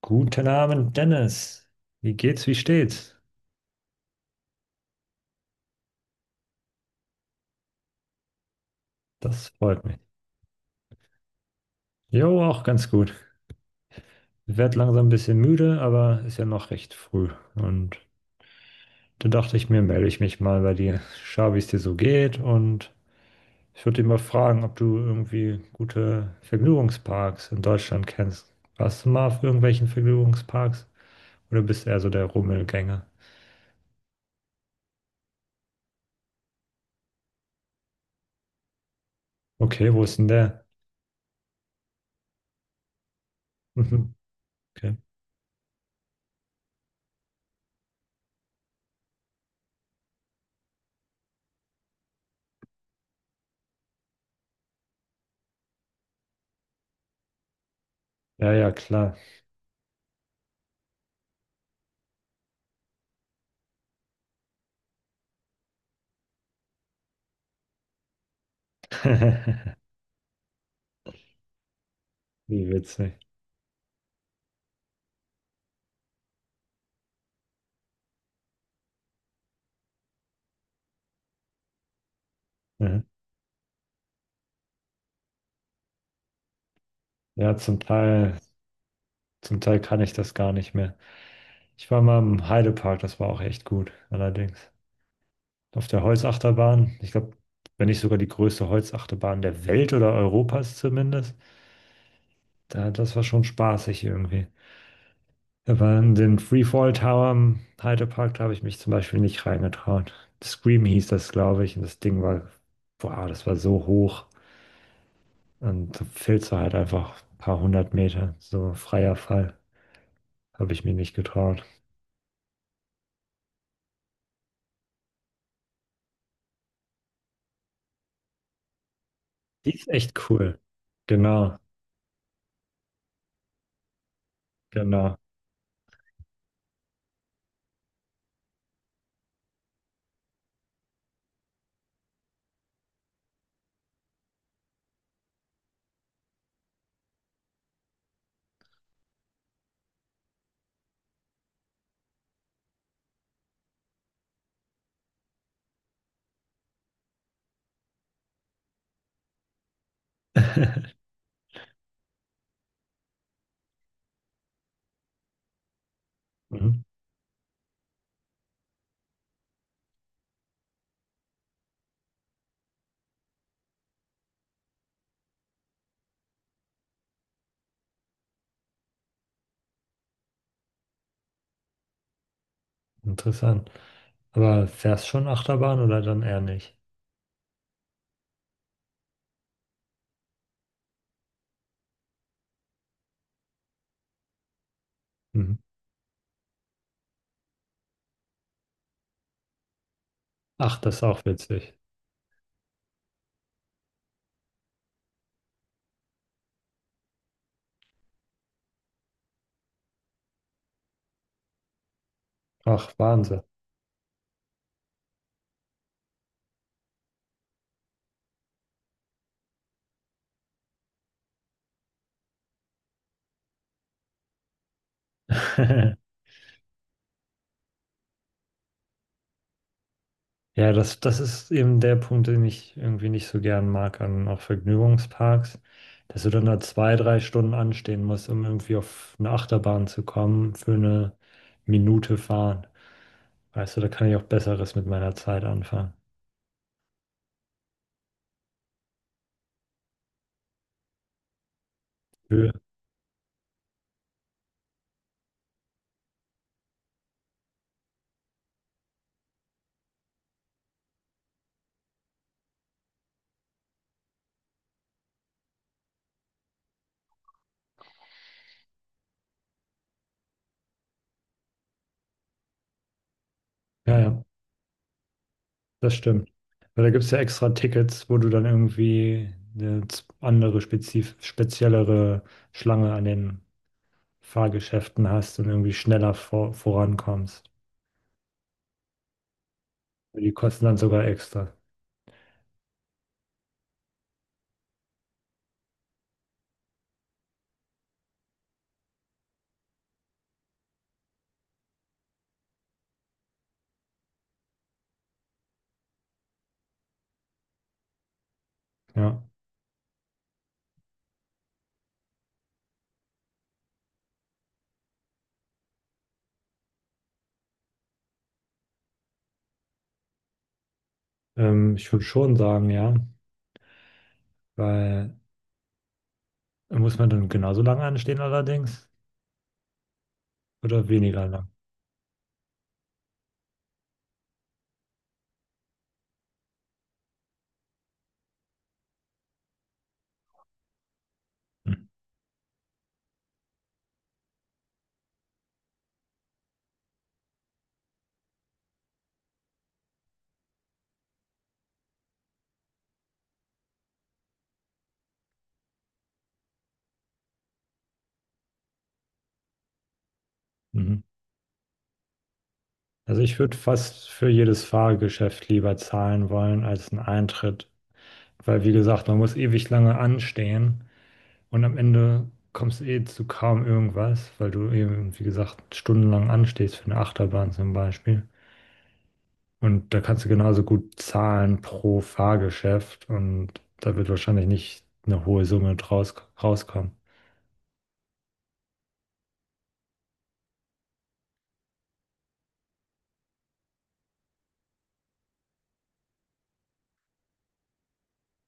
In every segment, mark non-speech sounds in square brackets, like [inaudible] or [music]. Guten Abend, Dennis. Wie geht's, wie steht's? Das freut mich. Jo, auch ganz gut. Ich werde langsam ein bisschen müde, aber ist ja noch recht früh. Und da dachte ich mir, melde ich mich mal bei dir, schau, wie es dir so geht. Und ich würde dich mal fragen, ob du irgendwie gute Vergnügungsparks in Deutschland kennst. Warst du mal auf irgendwelchen Vergnügungsparks? Oder bist du eher so der Rummelgänger? Okay, wo ist denn der? [laughs] Mhm. Okay. Ja, ja, klar. [laughs] Wie witzig. Ja, ja, zum Teil kann ich das gar nicht mehr. Ich war mal im Heidepark, das war auch echt gut, allerdings. Auf der Holzachterbahn, ich glaube, wenn nicht sogar die größte Holzachterbahn der Welt oder Europas zumindest, da, das war schon spaßig irgendwie. Aber in den Freefall Tower im Heidepark, da habe ich mich zum Beispiel nicht reingetraut. Scream hieß das, glaube ich, und das Ding war, boah, das war so hoch. Und da fällst du halt einfach ein paar hundert Meter, so freier Fall, habe ich mir nicht getraut. Die ist echt cool. Genau. Genau. [laughs] Mhm. Interessant. Aber fährst schon Achterbahn oder dann eher nicht? Mhm. Ach, das ist auch witzig. Ach, Wahnsinn. [laughs] Ja, das, das ist eben der Punkt, den ich irgendwie nicht so gern mag an auch Vergnügungsparks, dass du dann da zwei, drei Stunden anstehen musst, um irgendwie auf eine Achterbahn zu kommen für eine Minute fahren. Weißt du, da kann ich auch Besseres mit meiner Zeit anfangen. Höhe. Ja, ja. Das stimmt. Weil da gibt es ja extra Tickets, wo du dann irgendwie eine andere, spezif speziellere Schlange an den Fahrgeschäften hast und irgendwie schneller vorankommst. Die kosten dann sogar extra. Ja. Ich würde schon sagen, ja. Weil muss man dann genauso lange anstehen allerdings oder weniger lang? Hm. Mhm. Also ich würde fast für jedes Fahrgeschäft lieber zahlen wollen als einen Eintritt. Weil wie gesagt, man muss ewig lange anstehen. Und am Ende kommst du eh zu kaum irgendwas, weil du eben, wie gesagt, stundenlang anstehst für eine Achterbahn zum Beispiel. Und da kannst du genauso gut zahlen pro Fahrgeschäft und da wird wahrscheinlich nicht eine hohe Summe draus rauskommen.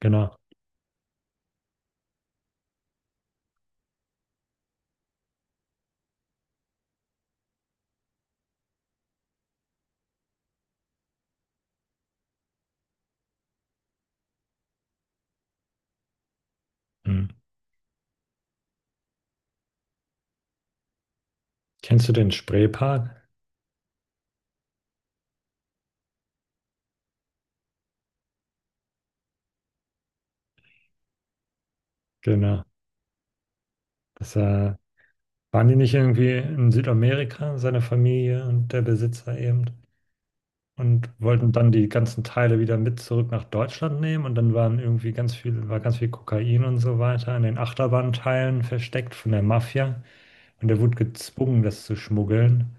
Genau. Hm. Kennst du den Spreepark? Genau. Das, waren die nicht irgendwie in Südamerika, seine Familie und der Besitzer eben? Und wollten dann die ganzen Teile wieder mit zurück nach Deutschland nehmen und dann waren irgendwie war ganz viel Kokain und so weiter in den Achterbahnteilen versteckt von der Mafia und er wurde gezwungen, das zu schmuggeln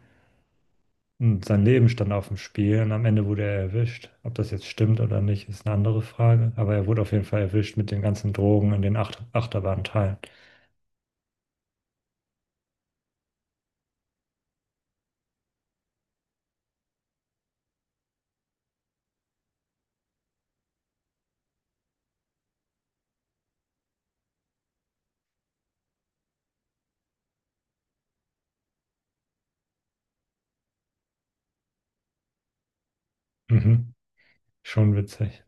und sein Leben stand auf dem Spiel und am Ende wurde er erwischt. Ob das jetzt stimmt oder nicht, ist eine andere Frage, aber er wurde auf jeden Fall erwischt mit den ganzen Drogen in den Achterbahnteilen. Mhm. Schon witzig.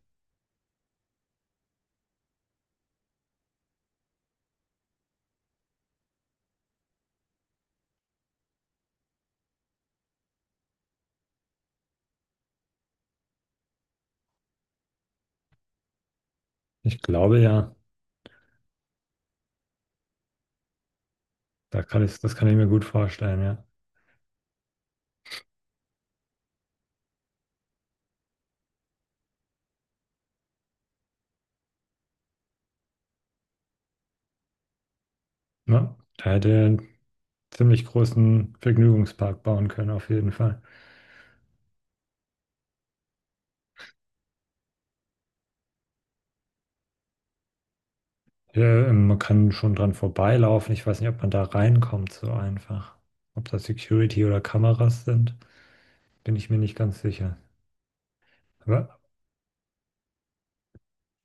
Ich glaube ja, da kann das kann ich mir gut vorstellen, ja. Ne? Da hätte ziemlich großen Vergnügungspark bauen können, auf jeden Fall. Ja, man kann schon dran vorbeilaufen. Ich weiß nicht, ob man da reinkommt so einfach. Ob das Security oder Kameras sind, bin ich mir nicht ganz sicher. Aber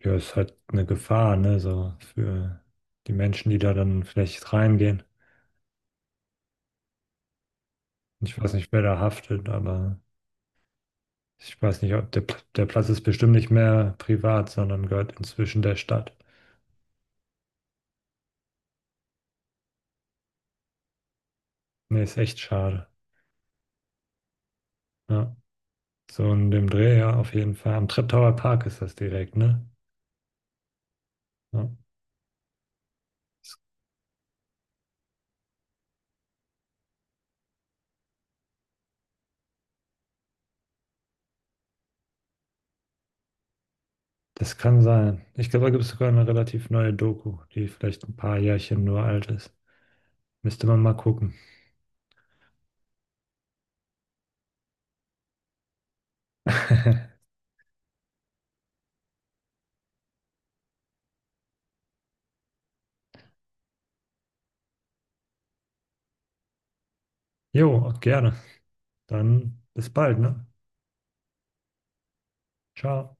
ja, ist halt eine Gefahr, ne, so für die Menschen, die da dann vielleicht reingehen. Ich weiß nicht, wer da haftet, aber ich weiß nicht, ob der Platz ist bestimmt nicht mehr privat, sondern gehört inzwischen der Stadt. Nee, ist echt schade. Ja. So in dem Dreh, ja, auf jeden Fall. Am Treptower Park ist das direkt, ne? Ja. Das, kann sein. Ich glaube, da gibt es sogar eine relativ neue Doku, die vielleicht ein paar Jährchen nur alt ist. Müsste man mal gucken. Jo, gerne. Dann bis bald, ne? Ciao.